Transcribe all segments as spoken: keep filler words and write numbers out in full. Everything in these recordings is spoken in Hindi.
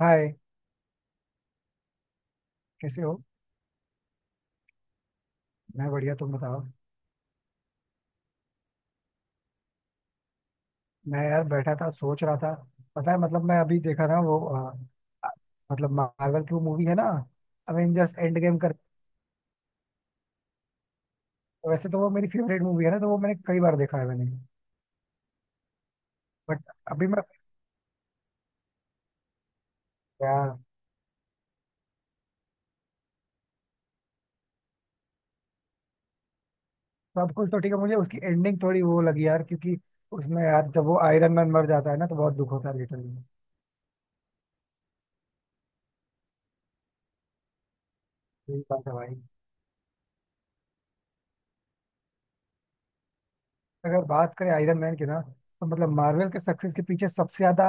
हाय। कैसे हो? मैं बढ़िया, तुम बताओ। मैं यार बैठा था, सोच रहा था। पता है, मतलब मैं अभी देखा ना वो अ, मतलब मार्वल की वो मूवी है ना, अवेंजर्स एंड गेम कर। वैसे तो वो मेरी फेवरेट मूवी है ना, तो वो मैंने कई बार देखा है मैंने। बट अभी मैं, यार सब कुछ तो ठीक है, मुझे उसकी एंडिंग थोड़ी वो लगी यार, क्योंकि उसमें यार जब वो आयरन मैन मर जाता है ना, तो बहुत दुख होता है लिटरली। यही बात है भाई। अगर बात करें आयरन मैन की ना, तो मतलब मार्वल के सक्सेस के पीछे सबसे ज्यादा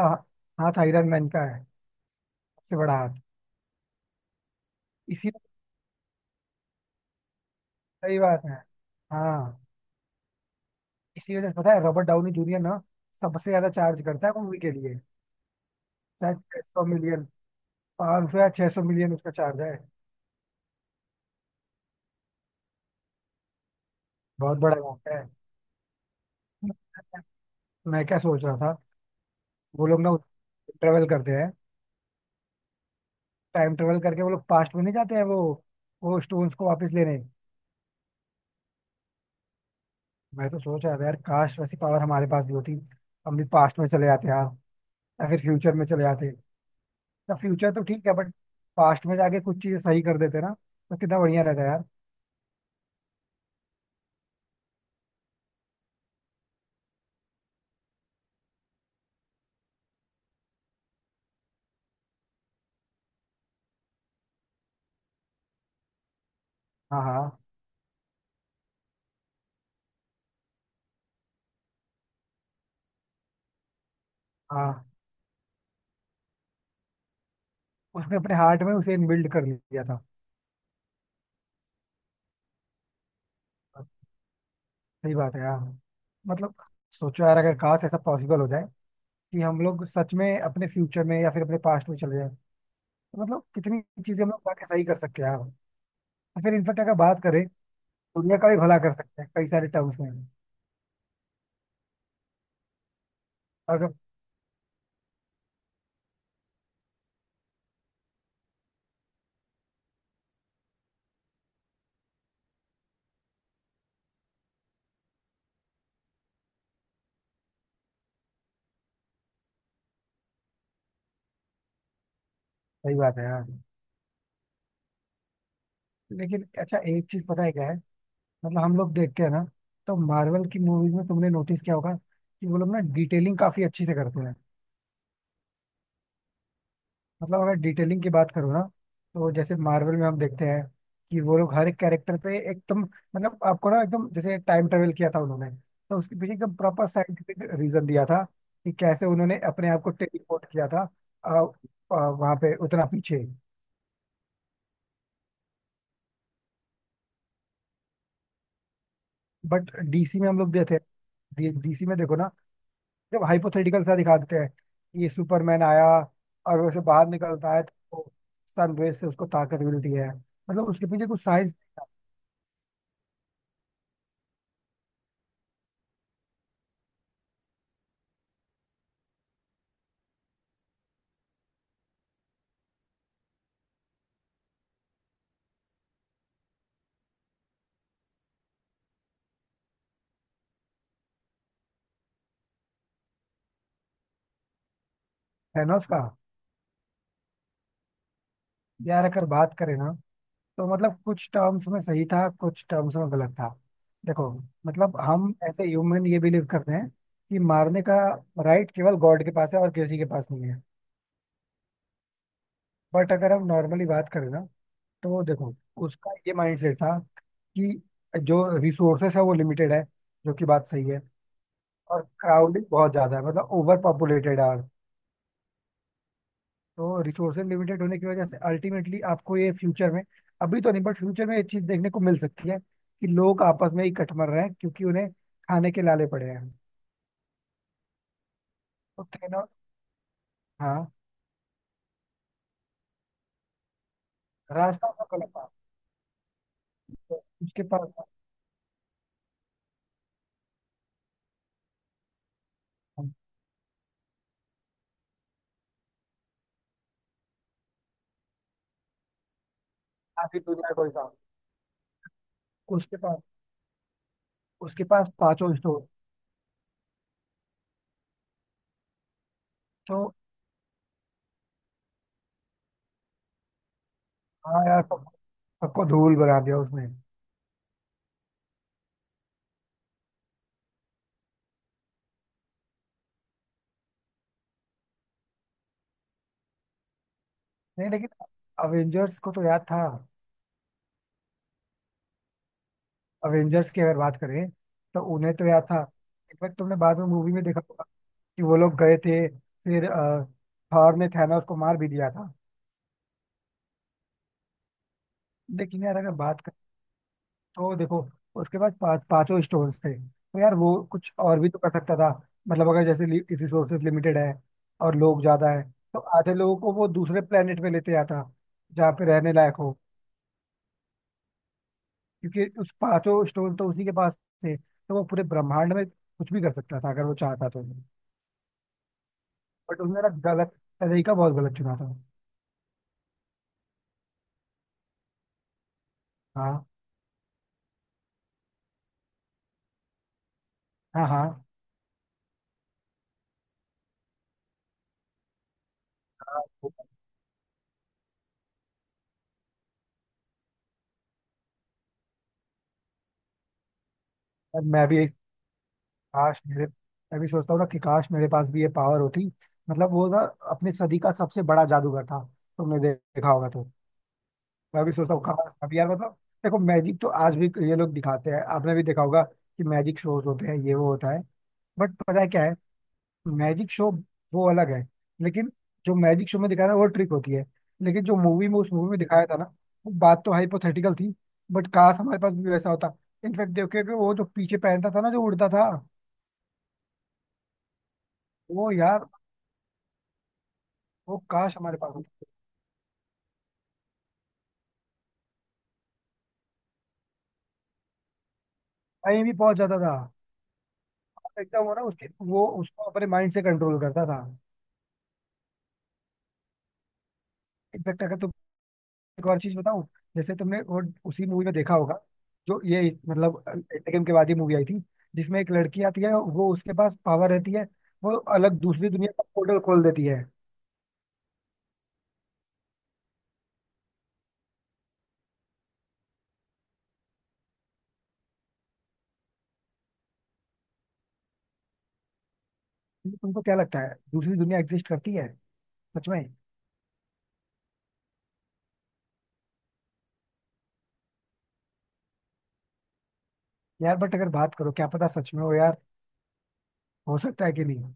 हाथ आयरन मैन का है, सबसे बड़ा हाथ। इसी सही बात है। हाँ। इसी वजह से पता है, रॉबर्ट डाउनी जूनियर ना सबसे ज्यादा चार्ज करता है मूवी के लिए। शायद छह सौ मिलियन, पाँच सौ या छह सौ मिलियन उसका चार्ज है। बहुत बड़ा अमाउंट है। मैं क्या सोच रहा था, वो लोग ना ट्रेवल करते हैं, टाइम ट्रेवल करके वो लोग पास्ट में नहीं जाते हैं वो वो स्टोन्स को वापस लेने। मैं तो सोच रहा था यार, काश वैसी पावर हमारे पास भी होती, हम भी पास्ट में चले जाते यार, या फिर फ्यूचर में चले जाते। या फ्यूचर तो ठीक है, बट पास्ट में जाके कुछ चीजें सही कर देते ना, तो कितना बढ़िया रहता यार। हाँ, हाँ, हाँ। उसने अपने हार्ट में उसे इनबिल्ड कर लिया था। सही बात है यार। मतलब सोचो यार, अगर काश ऐसा पॉसिबल हो जाए कि हम लोग सच में अपने फ्यूचर में या फिर अपने पास्ट में चले जाए, तो मतलब कितनी चीजें हम लोग जाके सही कर सकते हैं यार। और फिर इनफेक्ट अगर बात करें, दुनिया का भी भला कर सकते हैं कई सारे टर्म्स में। अगर सही बात है यार। लेकिन अच्छा, एक चीज पता है क्या है, मतलब हम लोग देखते हैं ना, तो मार्वल की मूवीज में तुमने नोटिस किया होगा कि वो लोग ना डिटेलिंग काफी अच्छी से करते हैं। मतलब अगर डिटेलिंग की बात करूँ ना, तो जैसे मार्वल में हम देखते हैं कि वो लोग हर एक कैरेक्टर पे एकदम मतलब आपको ना एकदम जैसे टाइम ट्रेवल किया था उन्होंने, तो उसके पीछे एकदम प्रॉपर साइंटिफिक रीजन दिया था कि कैसे उन्होंने अपने आप को टेलीपोर्ट किया था। आ, आ, वहां पे उतना पीछे। बट डीसी में हम लोग देते हैं, डीसी में देखो ना, जब हाइपोथेटिकल सा दिखा देते हैं कि ये सुपरमैन आया और वैसे बाहर निकलता है, तो सनरेज से उसको ताकत मिलती है, मतलब उसके पीछे कुछ साइंस है ना उसका। यार अगर बात करें ना, तो मतलब कुछ टर्म्स में सही था, कुछ टर्म्स में गलत था। देखो, मतलब हम ऐसे ह्यूमन ये बिलीव करते हैं कि मारने का राइट केवल गॉड के पास है, और किसी के पास नहीं है। बट अगर हम नॉर्मली बात करें ना, तो देखो, उसका ये माइंडसेट था कि जो रिसोर्सेस है वो लिमिटेड है, जो कि बात सही है। और क्राउडेड बहुत ज्यादा है, मतलब ओवर पॉपुलेटेड है। तो रिसोर्सेज लिमिटेड होने की वजह से अल्टीमेटली आपको ये फ्यूचर में, अभी तो नहीं बट फ्यूचर में ये चीज देखने को मिल सकती है कि लोग आपस में ही कटमर रहे हैं, क्योंकि उन्हें खाने के लाले पड़े हैं। तो थेनो हाँ, रास्ता उसका गलत था। तो उसके पास हम, आधी दुनिया का कोई था। उसके पास, उसके पास पांचों स्टोर तो। हाँ यार, सब- सबको धूल बना दिया उसने। नहीं, लेकिन अवेंजर्स को तो याद था। अवेंजर्स की अगर बात करें, तो उन्हें तो याद था। इनफैक्ट तुमने बाद में मूवी में देखा कि वो लोग गए थे, फिर अ, थॉर ने थैनोस को मार भी दिया था। लेकिन यार अगर बात करें, तो देखो, उसके पास पांच पांचों स्टोन्स थे, तो यार वो कुछ और भी तो कर सकता था। मतलब अगर जैसे रिसोर्सेज लिमिटेड है और लोग ज्यादा है, तो आधे लोगों को वो दूसरे प्लेनेट पे लेते आता, जहाँ पे रहने लायक हो। क्योंकि उस पांचों स्टोन तो उसी के पास थे, तो वो पूरे ब्रह्मांड में कुछ भी कर सकता था, अगर वो चाहता तो। बट उसने ना गलत तरीका, बहुत गलत चुना था। हाँ। हाँ, हाँ, हाँ। मैं भी, काश मेरे मैं भी सोचता हूँ ना कि काश मेरे पास भी ये पावर होती। मतलब वो ना अपनी सदी का सबसे बड़ा जादूगर था, तुमने दे- देखा होगा तो। मैं भी सोचता हूँ काश अभी यार, मतलब देखो मैजिक तो आज भी ये लोग दिखाते हैं, आपने भी देखा होगा कि मैजिक शोज होते हैं, ये वो होता है, बट पता है क्या है, मैजिक शो वो अलग है। लेकिन जो मैजिक शो में दिखाया था वो ट्रिक होती है, लेकिन जो मूवी में, उस मूवी में दिखाया था ना, वो बात तो हाइपोथेटिकल थी, बट काश हमारे पास भी वैसा होता। इनफैक्ट देखो कि वो जो पीछे पहनता था ना, जो उड़ता था, वो यार, वो काश हमारे पास होता। टाइम भी बहुत ज्यादा था। आप एकदम वो ना, उसके वो उसको अपने माइंड से कंट्रोल करता था। इनफेक्ट अगर तुम, एक और चीज बताऊं, जैसे तुमने वो उसी मूवी में देखा होगा, जो ये मतलब एंडगेम के बाद ही मूवी आई थी, जिसमें एक लड़की आती है, वो उसके पास पावर रहती है, वो अलग दूसरी दुनिया का पोर्टल खोल देती है। तो तुमको क्या लगता है, दूसरी दुनिया एग्जिस्ट करती है सच में? यार, बट अगर बात करो, क्या पता सच में हो यार, हो सकता है कि नहीं।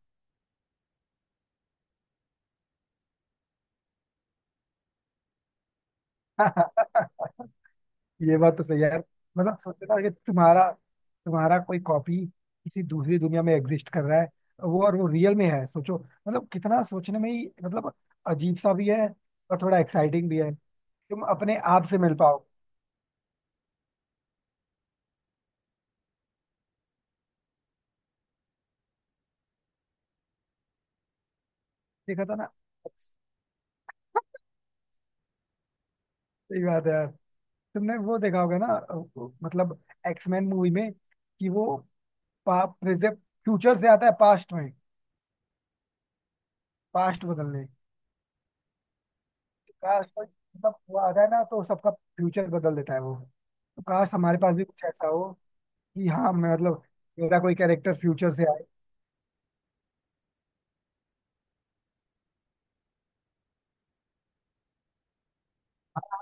ये बात तो सही है यार। मतलब सोचो ना कि तुम्हारा, तुम्हारा कोई कॉपी किसी दूसरी दुनिया में एग्जिस्ट कर रहा है, वो, और वो रियल में है, सोचो। मतलब कितना सोचने में ही मतलब अजीब सा भी है, और थोड़ा एक्साइटिंग भी है। तुम अपने आप से मिल पाओ। देखा था ना। सही बात है यार। तुमने वो देखा होगा ना अ, वो, मतलब एक्समैन मूवी में कि वो पा, फ्यूचर से आता है पास्ट में, पास्ट बदलने। काश कोई, मतलब वो आता है ना, तो सबका फ्यूचर बदल देता है वो, तो काश हमारे पास भी कुछ ऐसा हो कि हाँ मैं, मतलब मेरा कोई कैरेक्टर फ्यूचर से आए। हाँ,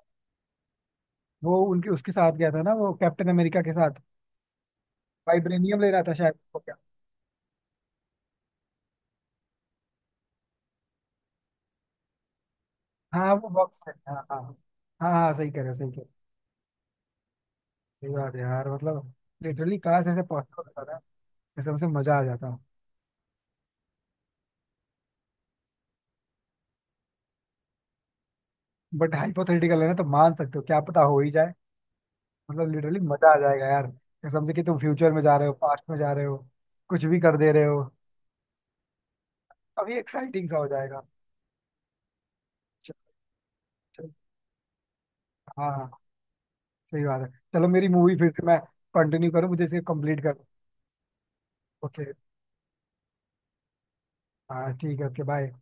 वो उनके, उसके साथ गया था ना, वो कैप्टन अमेरिका के साथ। वाइब्रेनियम ले रहा था शायद, वो क्या? हाँ, वो बॉक्स है, हाँ, हाँ। हाँ, हाँ, हाँ, सही कह रहे हो सही कह रहे हो। सही बात है यार, मतलब लिटरली काश ऐसे पॉसिबल होता ना, ऐसे मुझे मजा आ जाता। बट हाइपोथेटिकल है ना, तो मान सकते हो, क्या पता हो ही जाए। मतलब लिटरली मजा आ जाएगा यार, कसम से, कि तुम फ्यूचर में जा रहे हो, पास्ट में जा रहे हो, कुछ भी कर दे रहे हो, अभी एक्साइटिंग सा हो जाएगा। चल, चल, हाँ, हाँ, सही बात है। चलो, मेरी मूवी फिर से मैं कंटिन्यू करूँ, मुझे इसे कंप्लीट कर। ओके, हाँ ठीक है, ओके बाय।